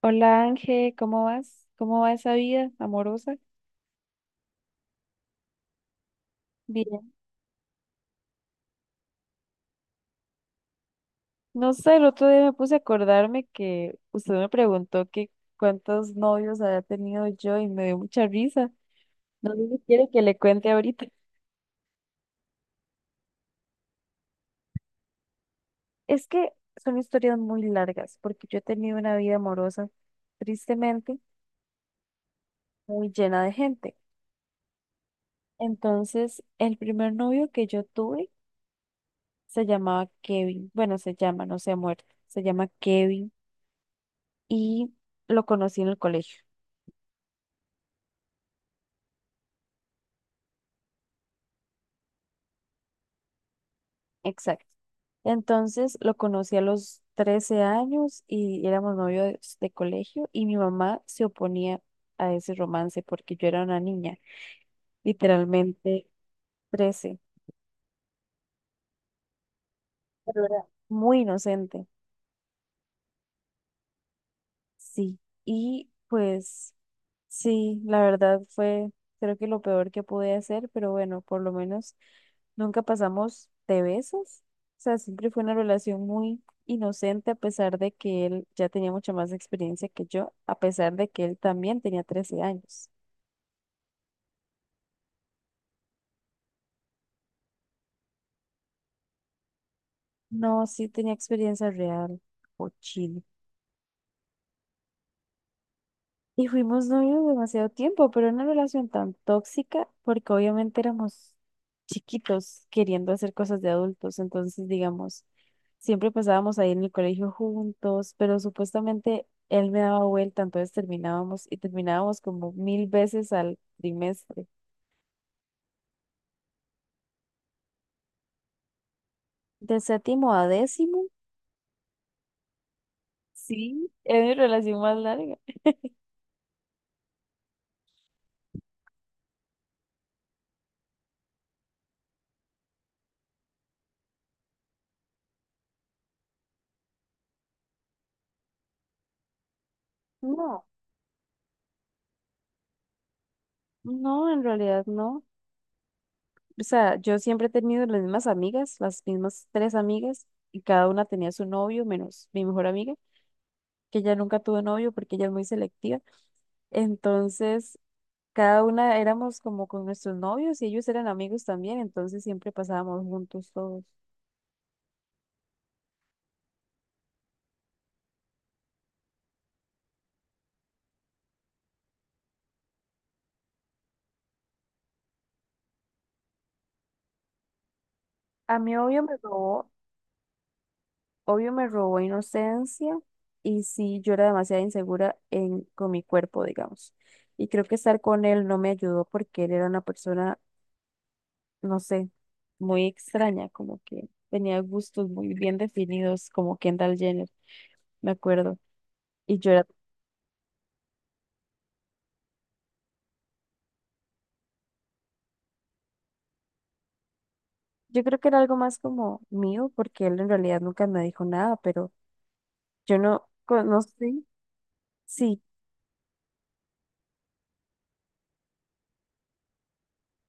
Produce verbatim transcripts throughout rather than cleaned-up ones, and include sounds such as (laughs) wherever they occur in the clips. Hola Ángel, ¿cómo vas? ¿Cómo va esa vida amorosa? Bien. No sé, el otro día me puse a acordarme que usted me preguntó que cuántos novios había tenido yo y me dio mucha risa. No sé si quiere que le cuente ahorita. Es que son historias muy largas porque yo he tenido una vida amorosa, tristemente, muy llena de gente. Entonces, el primer novio que yo tuve se llamaba Kevin. Bueno, se llama, no se ha muerto. Se llama Kevin y lo conocí en el colegio. Exacto. Entonces lo conocí a los trece años y éramos novios de colegio y mi mamá se oponía a ese romance porque yo era una niña, literalmente trece, pero era muy inocente. Sí, y pues sí, la verdad fue, creo que lo peor que pude hacer, pero bueno, por lo menos nunca pasamos de besos. O sea, siempre fue una relación muy inocente, a pesar de que él ya tenía mucha más experiencia que yo, a pesar de que él también tenía trece años. No, sí tenía experiencia real, o y fuimos novios demasiado tiempo, pero una relación tan tóxica porque obviamente éramos chiquitos queriendo hacer cosas de adultos. Entonces, digamos, siempre pasábamos ahí en el colegio juntos, pero supuestamente él me daba vuelta, entonces terminábamos y terminábamos como mil veces al trimestre. De séptimo a décimo, sí, es mi relación más larga. No. No, en realidad no. O sea, yo siempre he tenido las mismas amigas, las mismas tres amigas, y cada una tenía su novio, menos mi mejor amiga, que ella nunca tuvo novio porque ella es muy selectiva. Entonces, cada una éramos como con nuestros novios y ellos eran amigos también, entonces siempre pasábamos juntos todos. A mí obvio me robó, obvio me robó inocencia y sí, yo era demasiado insegura en, con mi cuerpo, digamos. Y creo que estar con él no me ayudó porque él era una persona no sé, muy extraña, como que tenía gustos muy bien definidos, como Kendall Jenner, me acuerdo. Y yo era, yo creo que era algo más como mío, porque él en realidad nunca me dijo nada, pero yo no conocí, sí,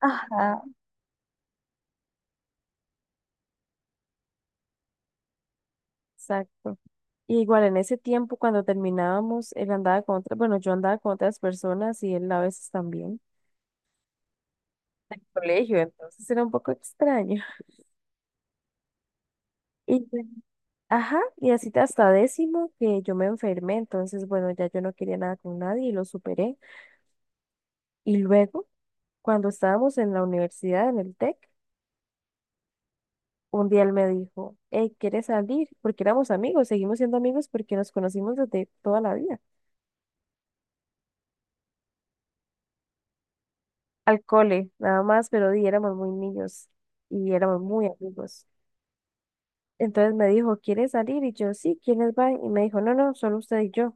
ajá, exacto. Y igual en ese tiempo cuando terminábamos, él andaba con otras, bueno, yo andaba con otras personas y él a veces también, colegio, entonces era un poco extraño. (laughs) Y Ajá, y así hasta décimo que yo me enfermé, entonces bueno, ya yo no quería nada con nadie y lo superé. Y luego, cuando estábamos en la universidad, en el TEC, un día él me dijo, hey, ¿quieres salir? Porque éramos amigos, seguimos siendo amigos porque nos conocimos desde toda la vida. Al cole, nada más, pero di, éramos muy niños y éramos muy amigos. Entonces me dijo, ¿quieres salir? Y yo, sí, ¿quiénes van? Y me dijo, no, no, solo usted y yo.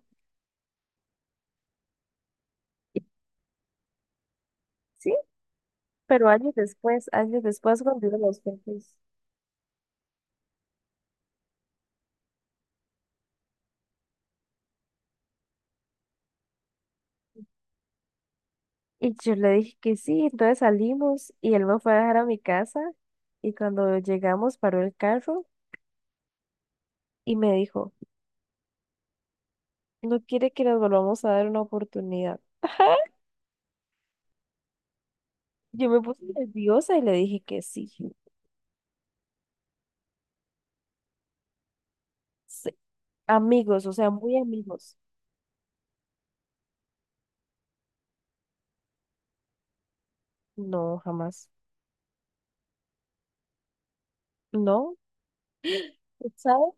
y Sí, pero años después, años después, cuando iba a los TEC. Y yo le dije que sí, entonces salimos y él me fue a dejar a mi casa y cuando llegamos paró el carro y me dijo, ¿no quiere que nos volvamos a dar una oportunidad? (laughs) Yo me puse nerviosa y le dije que sí. Sí, amigos, o sea, muy amigos. No, jamás. No. ¿Usted sabe?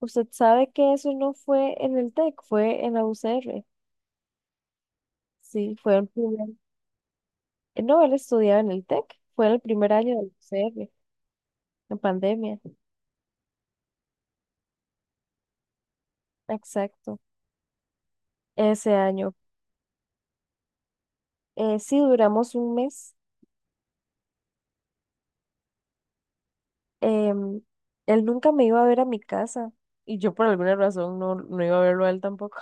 ¿Usted sabe que eso no fue en el TEC, fue en la U C R? Sí, fue el primer... No, él estudiaba en el TEC, fue en el primer año de la U C R, en pandemia. Exacto, ese año. Eh, sí, duramos un mes. Em, Él nunca me iba a ver a mi casa y yo por alguna razón no, no iba a verlo a él tampoco.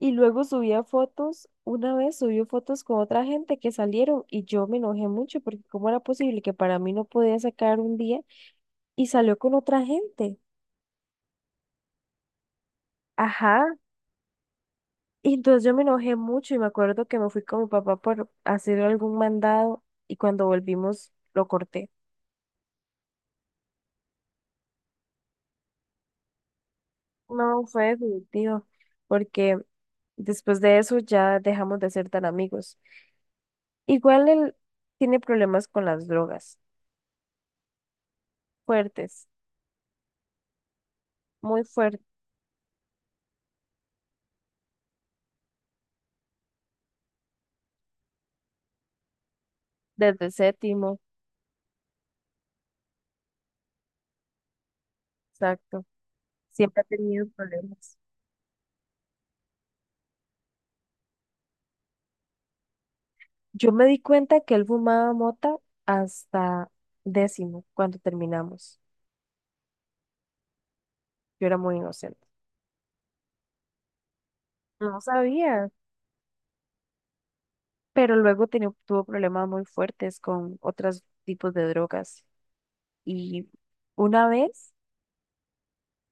Y luego subía fotos, una vez subió fotos con otra gente que salieron y yo me enojé mucho porque cómo era posible que para mí no podía sacar un día y salió con otra gente. Ajá. Y entonces yo me enojé mucho y me acuerdo que me fui con mi papá por hacer algún mandado y cuando volvimos lo corté. No, fue definitivo, porque después de eso ya dejamos de ser tan amigos. Igual él tiene problemas con las drogas, fuertes, muy fuertes, desde séptimo, exacto. Siempre ha tenido problemas. Yo me di cuenta que él fumaba mota hasta décimo, cuando terminamos. Yo era muy inocente. No sabía, pero luego tenía- tuvo problemas muy fuertes con otros tipos de drogas. Y una vez...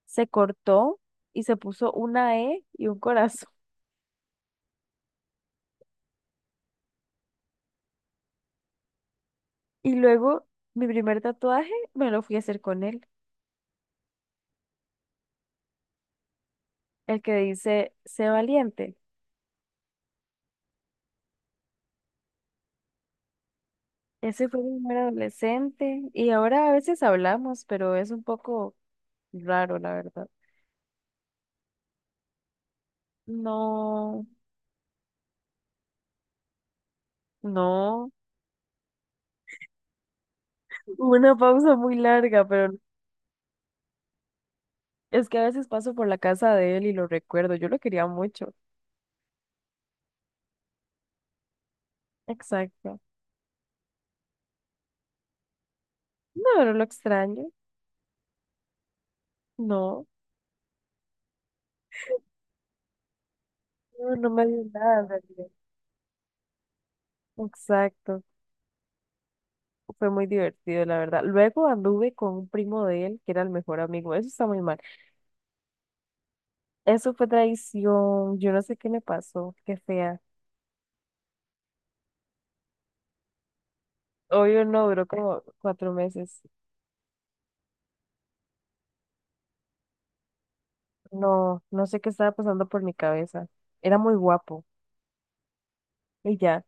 se cortó y se puso una E y un corazón. (laughs) Y luego mi primer tatuaje me lo fui a hacer con él, el que dice, sé valiente. Ese fue mi primer adolescente y ahora a veces hablamos, pero es un poco raro, la verdad. No, no, hubo una pausa muy larga, pero es que a veces paso por la casa de él y lo recuerdo, yo lo quería mucho. Exacto. No, no lo extraño, no, no, no me dio nada en realidad. Exacto. Fue muy divertido, la verdad. Luego anduve con un primo de él, que era el mejor amigo. Eso está muy mal. Eso fue traición. Yo no sé qué me pasó. Qué fea. Obvio no, duró como cuatro meses. No, no sé qué estaba pasando por mi cabeza. Era muy guapo. Y ya.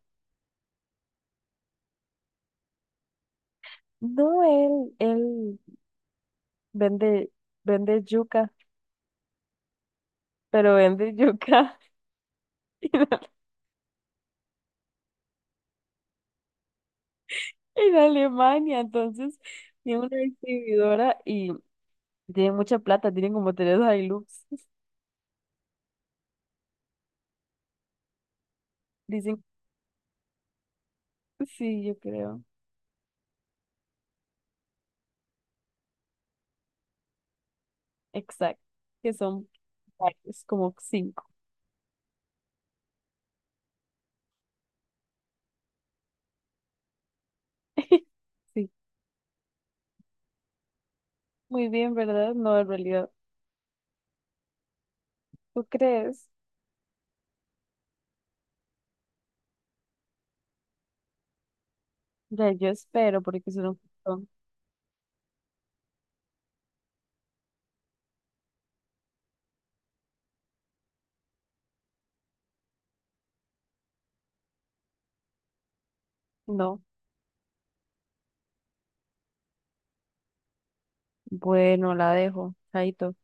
No, él, él vende, vende yuca, pero vende yuca (laughs) en, en Alemania. Entonces, tiene una distribuidora y tiene mucha plata. Tienen como tres Hilux. (laughs) Dicen, sí, yo creo. Exacto, que son varios, como cinco. (laughs) Sí, muy bien, ¿verdad? No, en realidad, ¿tú crees? Ya, yo espero, porque si no, no. Bueno, la dejo. Chaito.